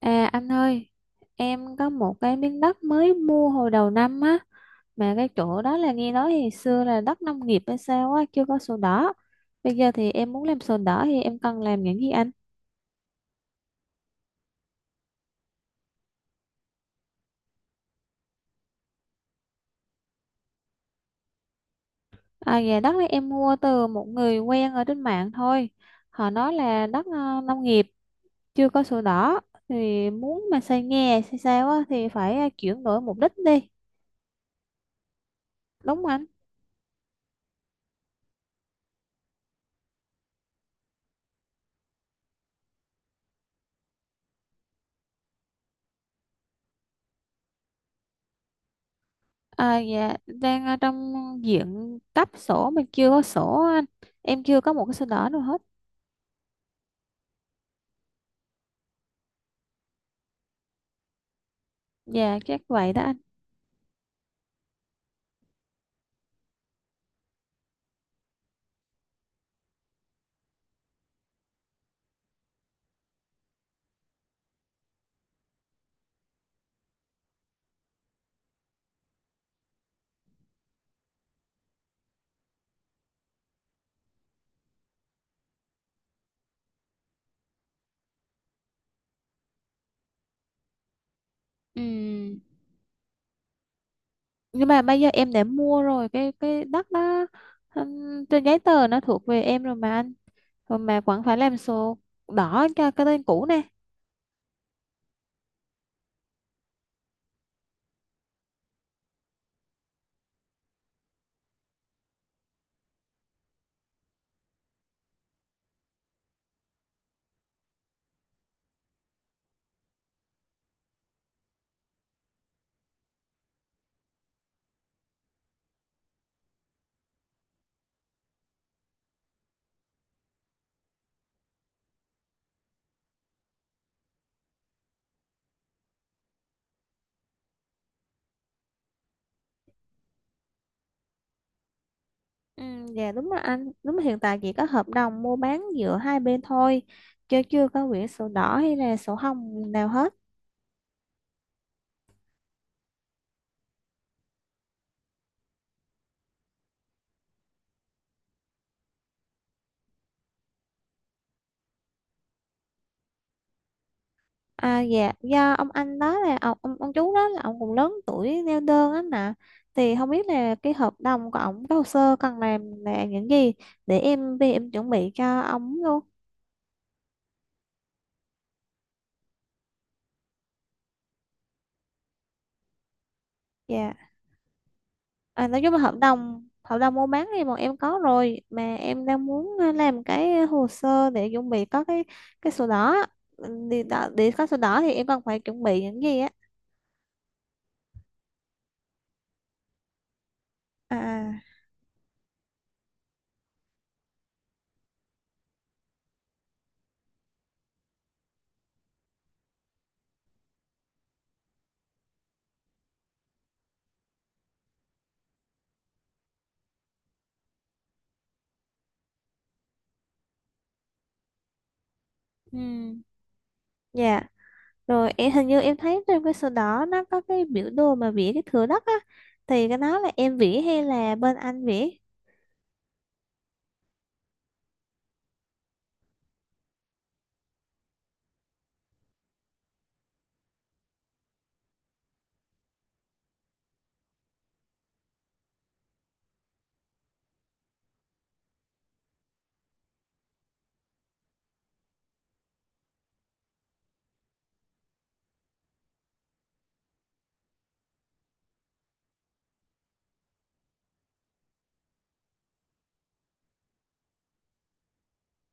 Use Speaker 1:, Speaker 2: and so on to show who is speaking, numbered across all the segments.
Speaker 1: À anh ơi, em có một cái miếng đất mới mua hồi đầu năm á, mà cái chỗ đó là nghe nói thì xưa là đất nông nghiệp hay sao á, chưa có sổ đỏ. Bây giờ thì em muốn làm sổ đỏ thì em cần làm những gì anh? À dạ, đất này em mua từ một người quen ở trên mạng thôi. Họ nói là đất nông nghiệp chưa có sổ đỏ thì muốn mà xây nhà xây sao á thì phải chuyển đổi mục đích đi. Đúng không anh? À dạ, đang ở trong diện cấp sổ, mình chưa có sổ anh, em chưa có một cái sổ đỏ nào hết. Dạ chắc vậy đó anh. Ừ, nhưng mà bây giờ em đã mua rồi cái đất đó. Trên giấy tờ nó thuộc về em rồi mà anh, rồi mà vẫn phải làm sổ đỏ cho cái tên cũ nè. Ừ, dạ đúng rồi anh, đúng là hiện tại chỉ có hợp đồng mua bán giữa hai bên thôi, chứ chưa có quyển sổ đỏ hay là sổ hồng nào hết. À dạ, do ông anh đó là ông, ông chú đó là ông cũng lớn tuổi neo đơn á nè. Thì không biết là cái hợp đồng của ông, cái hồ sơ cần làm là những gì để em về em chuẩn bị cho ông luôn. Dạ. À, nói chung là hợp đồng mua bán thì bọn em có rồi, mà em đang muốn làm cái hồ sơ để chuẩn bị có cái sổ đỏ á. Ừ, để, để có sổ đỏ thì em cần phải chuẩn bị những gì á. À. Ừ. Dạ. Rồi em hình như em thấy trong cái sổ đỏ nó có cái biểu đồ mà vẽ cái thửa đất á. Thì cái đó là em vẽ hay là bên anh vẽ?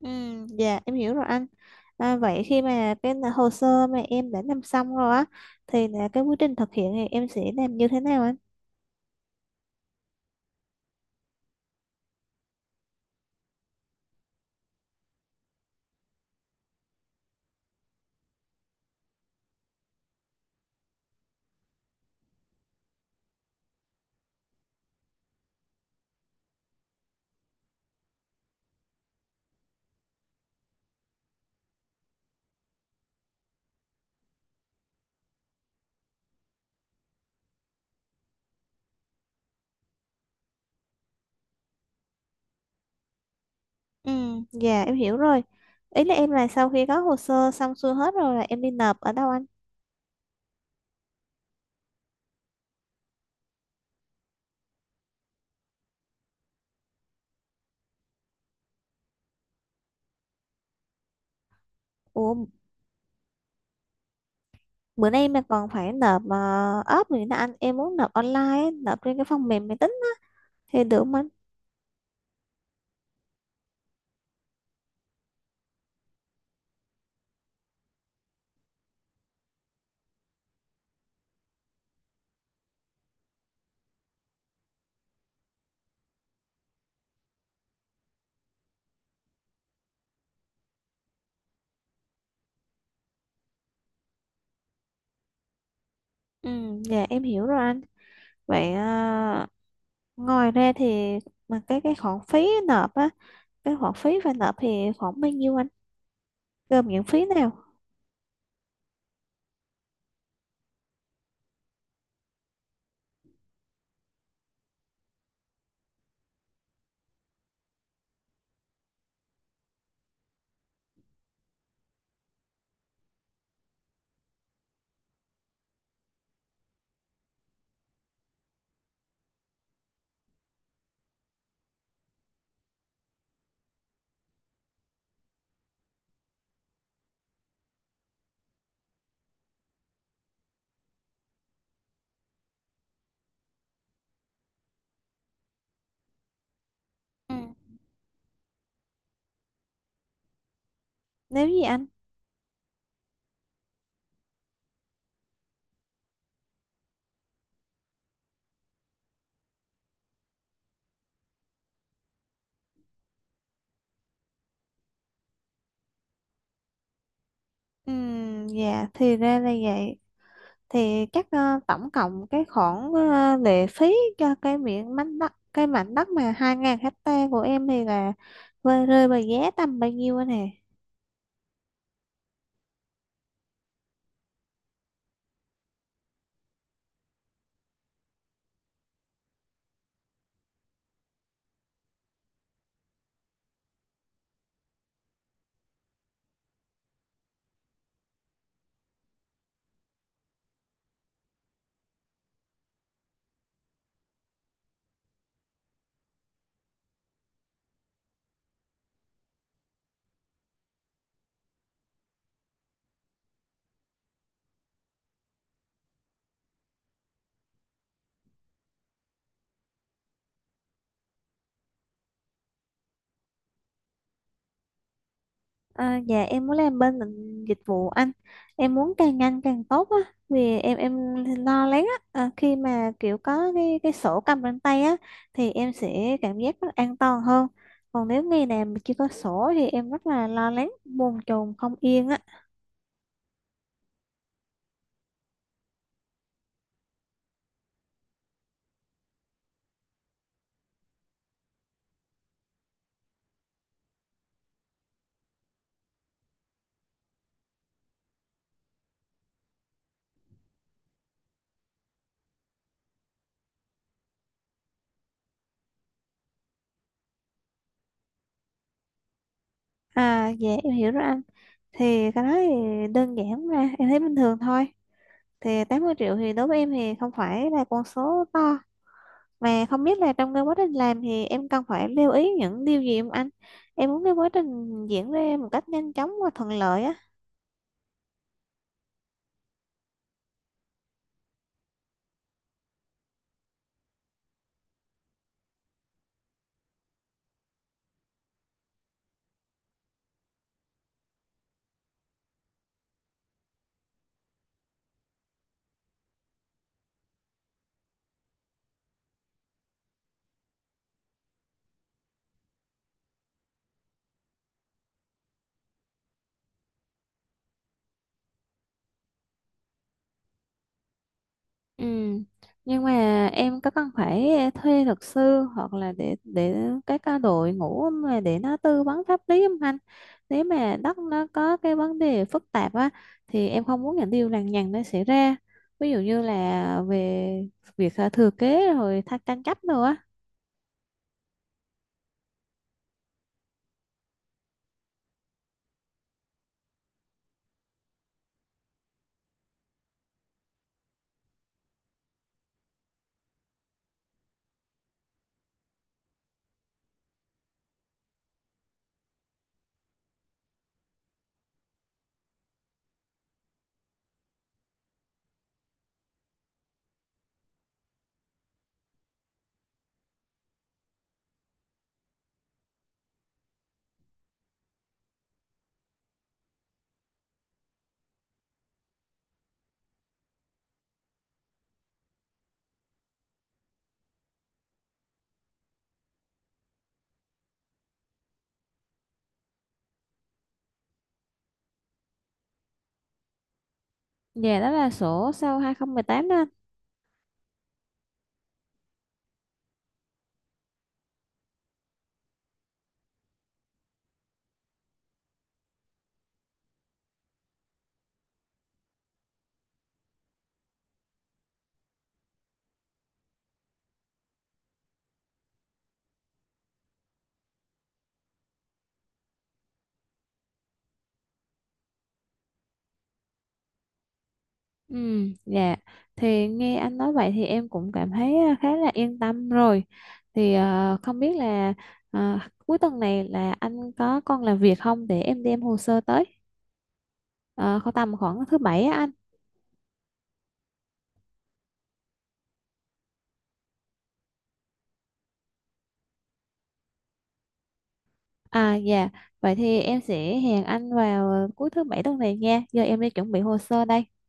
Speaker 1: Ừ, dạ em hiểu rồi anh. À, vậy khi mà hồ sơ mà em đã làm xong rồi á, thì là cái quá trình thực hiện thì em sẽ làm như thế nào anh? Ừ, dạ em hiểu rồi. Ý là em là sau khi có hồ sơ xong xuôi hết rồi là em đi nộp ở đâu anh? Ủa, bữa nay mà còn phải nộp ốp nữa nè anh. Em muốn nộp online á, nộp trên cái phần mềm máy tính á thì được không anh? Ừ, dạ em hiểu rồi anh. Vậy à, ngoài ra thì mà cái khoản phí nộp á, cái khoản phí phải nộp thì khoảng bao nhiêu anh? Gồm những phí nào? Ừ. Nếu gì anh? Ừ, dạ thì ra là vậy. Thì chắc à, tổng cộng cái khoản lệ phí cho cái miệng mảnh đất, cái mảnh đất mà hai ngàn hecta của em thì là rơi vào giá tầm bao nhiêu anh hả? À dạ, em muốn làm bên ngành dịch vụ anh, em muốn càng nhanh càng tốt á, vì em lo lắng á, à khi mà kiểu có cái sổ cầm trên tay á thì em sẽ cảm giác rất an toàn hơn, còn nếu ngày nào mà chưa có sổ thì em rất là lo lắng bồn chồn không yên á. À dạ em hiểu rồi anh, thì cái đó thì đơn giản mà em thấy bình thường thôi, thì 80 triệu thì đối với em thì không phải là con số to, mà không biết là trong cái quá trình làm thì em cần phải lưu ý những điều gì không anh? Em muốn cái quá trình diễn ra một cách nhanh chóng và thuận lợi á. Ừ. Nhưng mà em có cần phải thuê luật sư hoặc là để cái ca đội ngũ mà để nó tư vấn pháp lý không anh? Nếu mà đất nó có cái vấn đề phức tạp á thì em không muốn những điều lằng nhằng nó xảy ra. Ví dụ như là về việc à, thừa kế rồi thắc tranh chấp nữa á. Dạ đó là sổ sau 2018 đó anh. Ừ, dạ. Thì nghe anh nói vậy thì em cũng cảm thấy à, khá là yên tâm rồi. Thì à, không biết là à, cuối tuần này là anh có còn làm việc không để em đem hồ sơ tới. À, khoảng tầm khoảng thứ bảy á anh. À dạ. Vậy thì em sẽ hẹn anh vào cuối thứ bảy tuần này nha. Giờ em đi chuẩn bị hồ sơ đây.